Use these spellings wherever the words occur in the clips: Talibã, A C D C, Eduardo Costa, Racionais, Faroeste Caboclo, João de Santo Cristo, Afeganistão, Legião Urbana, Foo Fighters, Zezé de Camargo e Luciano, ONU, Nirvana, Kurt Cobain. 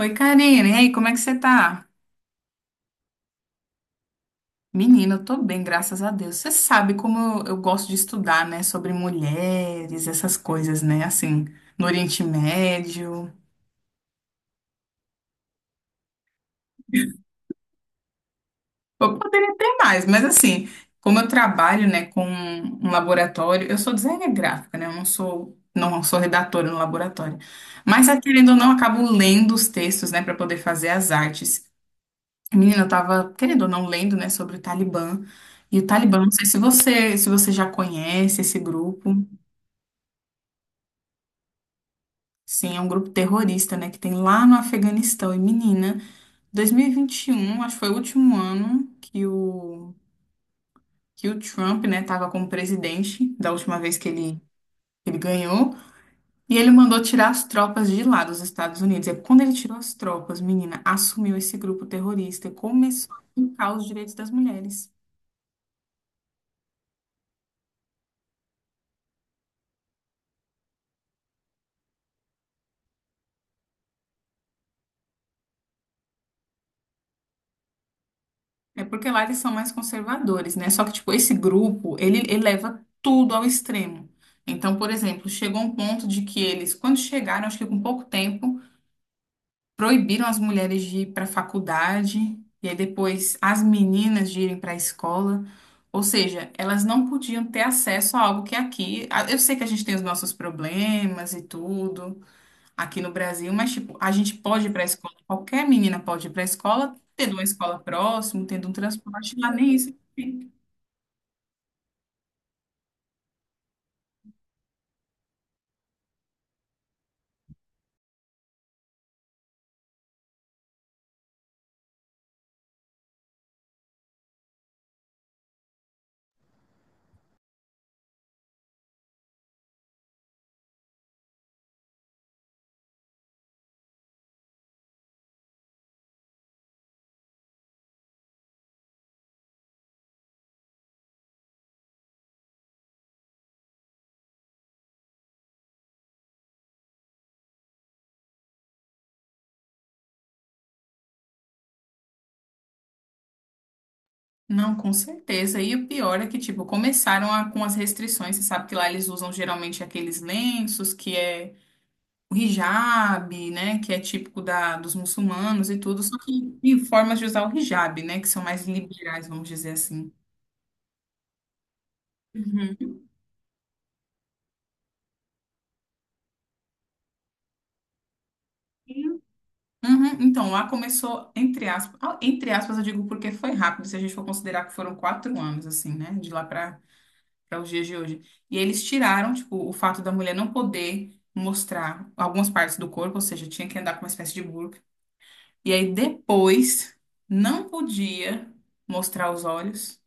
Oi, Karine. E aí, como é que você tá? Menina, eu tô bem, graças a Deus. Você sabe como eu gosto de estudar, né? Sobre mulheres, essas coisas, né? Assim, no Oriente Médio. Eu poderia ter mais, mas assim, como eu trabalho, né, com um laboratório, eu sou designer gráfica, né? Eu não sou redatora no laboratório. Mas, querendo ou não, eu acabo lendo os textos, né, para poder fazer as artes. Menina, eu tava, querendo ou não, lendo, né, sobre o Talibã. E o Talibã, não sei se você já conhece esse grupo. Sim, é um grupo terrorista, né, que tem lá no Afeganistão. E, menina, 2021, acho que foi o último ano que o Trump, né, tava como presidente, da última vez que ele ganhou. E ele mandou tirar as tropas de lá dos Estados Unidos. E quando ele tirou as tropas, menina, assumiu esse grupo terrorista e começou a fincar os direitos das mulheres. É porque lá eles são mais conservadores, né? Só que, tipo, esse grupo, ele leva tudo ao extremo. Então, por exemplo, chegou um ponto de que eles, quando chegaram, acho que com pouco tempo, proibiram as mulheres de ir para a faculdade, e aí depois as meninas de irem para a escola. Ou seja, elas não podiam ter acesso a algo que é aqui. Eu sei que a gente tem os nossos problemas e tudo, aqui no Brasil, mas tipo, a gente pode ir para a escola, qualquer menina pode ir para a escola, tendo uma escola próximo, tendo um transporte, lá nem isso tem. Não, com certeza. E o pior é que, tipo, com as restrições. Você sabe que lá eles usam geralmente aqueles lenços, que é o hijab, né? Que é típico da, dos muçulmanos e tudo. Só que tem formas de usar o hijab, né? Que são mais liberais, vamos dizer assim. Uhum. Uhum. Então, lá começou, entre aspas, entre aspas, eu digo porque foi rápido, se a gente for considerar que foram quatro anos, assim, né? De lá para para os dias de hoje. E eles tiraram, tipo, o fato da mulher não poder mostrar algumas partes do corpo, ou seja, tinha que andar com uma espécie de burca. E aí depois não podia mostrar os olhos.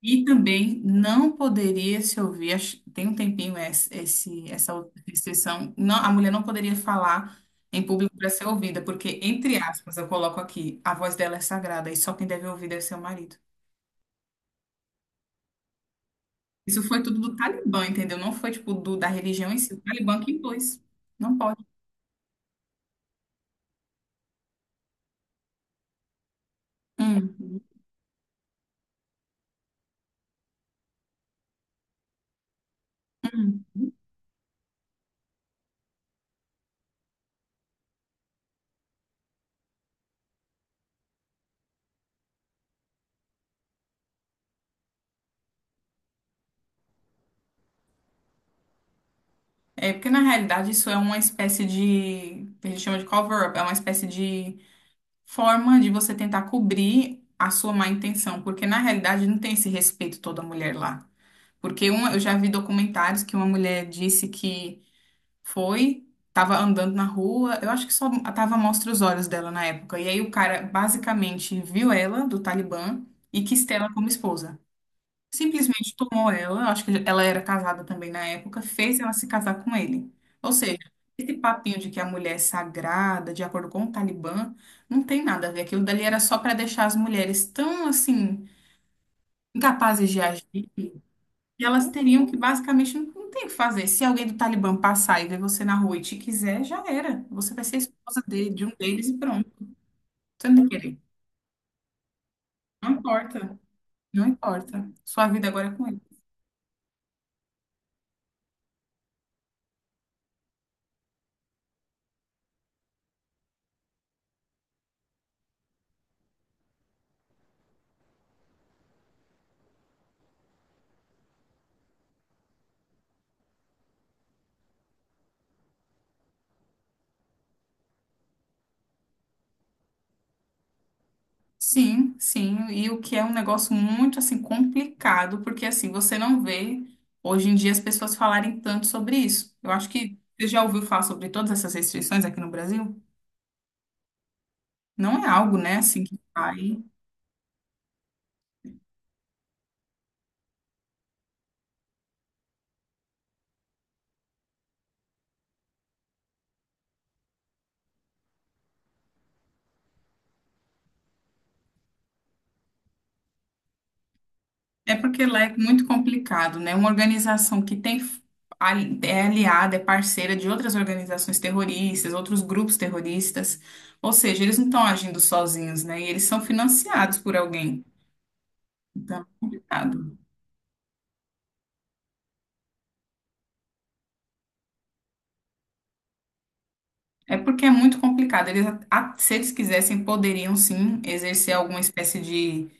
E também não poderia se ouvir, tem um tempinho essa outra restrição, não, a mulher não poderia falar em público para ser ouvida, porque, entre aspas, eu coloco aqui, a voz dela é sagrada e só quem deve ouvir deve ser o marido. Isso foi tudo do Talibã, entendeu? Não foi, tipo, da religião em si, o Talibã que impôs. Não pode. Hum, hum. É porque, na realidade, isso é uma espécie de, a gente chama de cover-up, é uma espécie de forma de você tentar cobrir a sua má intenção, porque na realidade não tem esse respeito toda mulher lá. Porque uma, eu já vi documentários que uma mulher disse que foi, estava andando na rua, eu acho que só tava à mostra os olhos dela na época. E aí o cara basicamente viu ela do Talibã e quis ter ela como esposa. Simplesmente tomou ela, eu acho que ela era casada também na época, fez ela se casar com ele. Ou seja, esse papinho de que a mulher é sagrada, de acordo com o Talibã, não tem nada a ver. Aquilo dali era só para deixar as mulheres tão, assim, incapazes de agir, que elas teriam que basicamente não, não tem o que fazer. Se alguém do Talibã passar e ver você na rua e te quiser, já era. Você vai ser esposa dele, de um deles e pronto. Você não tem que querer. Não importa, não importa. Sua vida agora é com ele. Sim, sim, e o que é um negócio muito assim complicado, porque assim, você não vê hoje em dia as pessoas falarem tanto sobre isso. Eu acho que você já ouviu falar sobre todas essas restrições aqui no Brasil? Não é algo, né, assim que vai. É porque lá é muito complicado, né? Uma organização que tem é aliada, é parceira de outras organizações terroristas, outros grupos terroristas, ou seja, eles não estão agindo sozinhos, né? E eles são financiados por alguém. Então, é complicado. É porque é muito complicado. Se eles quisessem, poderiam sim exercer alguma espécie de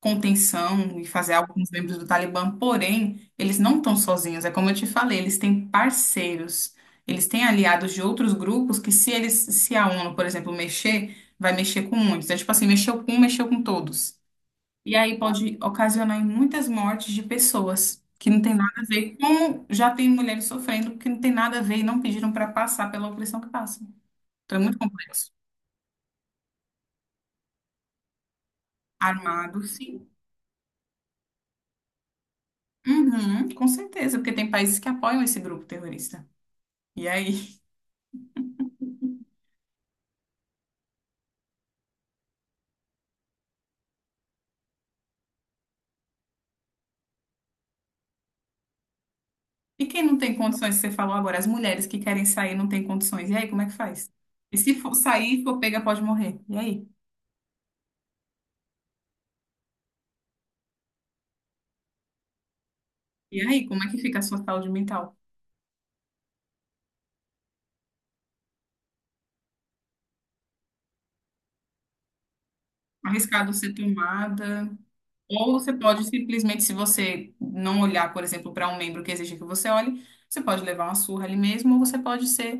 contenção e fazer algo com os membros do Talibã, porém, eles não estão sozinhos. É como eu te falei, eles têm parceiros, eles têm aliados de outros grupos que, se a ONU, por exemplo, mexer, vai mexer com muitos. É tipo assim, mexeu com um, mexeu com todos. E aí pode ocasionar em muitas mortes de pessoas que não tem nada a ver, como já tem mulheres sofrendo, que não tem nada a ver e não pediram para passar pela opressão que passam. Então é muito complexo. Armado, sim. Uhum, com certeza, porque tem países que apoiam esse grupo terrorista. E aí? E quem não tem condições, que você falou agora, as mulheres que querem sair não têm condições. E aí, como é que faz? E se for sair, e for pega, pode morrer. E aí? E aí, como é que fica a sua saúde mental? Arriscado ser tomada. Ou você pode simplesmente, se você não olhar, por exemplo, para um membro que exige que você olhe, você pode levar uma surra ali mesmo, ou você pode ser,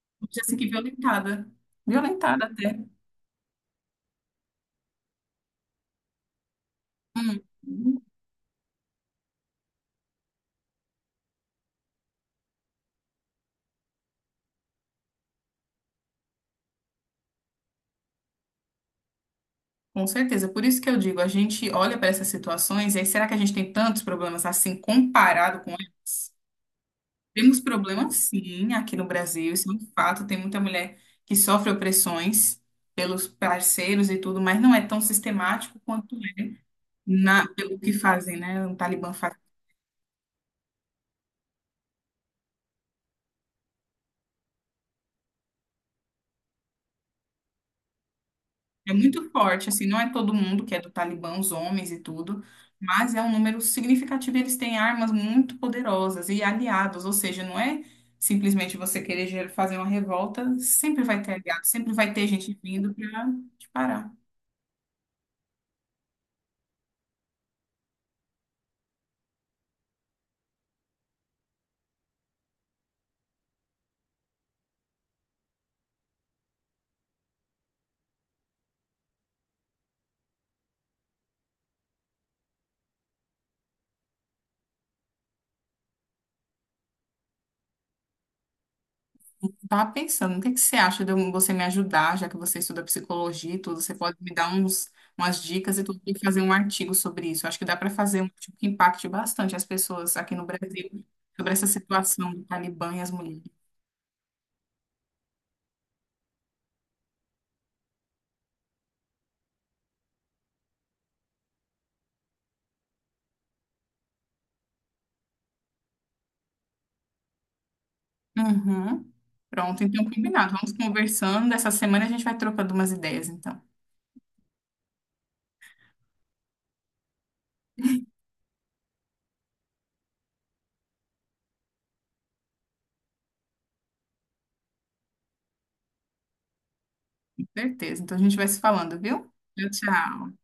vamos dizer assim, que violentada. Violentada até. Hum. Com certeza. Por isso que eu digo, a gente olha para essas situações e aí, será que a gente tem tantos problemas assim comparado com eles? Temos problemas sim aqui no Brasil, isso é um fato. Tem muita mulher que sofre opressões pelos parceiros e tudo, mas não é tão sistemático quanto é na, pelo que fazem, né? O Talibã faz. É muito forte, assim, não é todo mundo que é do Talibã, os homens e tudo, mas é um número significativo. Eles têm armas muito poderosas e aliados, ou seja, não é simplesmente você querer fazer uma revolta, sempre vai ter aliados, sempre vai ter gente vindo para te parar. Tava pensando, o que que você acha de você me ajudar, já que você estuda psicologia e tudo, você pode me dar uns, umas dicas e tudo, e fazer um artigo sobre isso. Acho que dá para fazer um artigo que impacte bastante as pessoas aqui no Brasil sobre essa situação do Talibã e as mulheres. Uhum. Pronto, então combinado. Vamos conversando. Essa semana a gente vai trocando umas ideias, então. Com certeza. Então a gente vai se falando, viu? Tchau, tchau.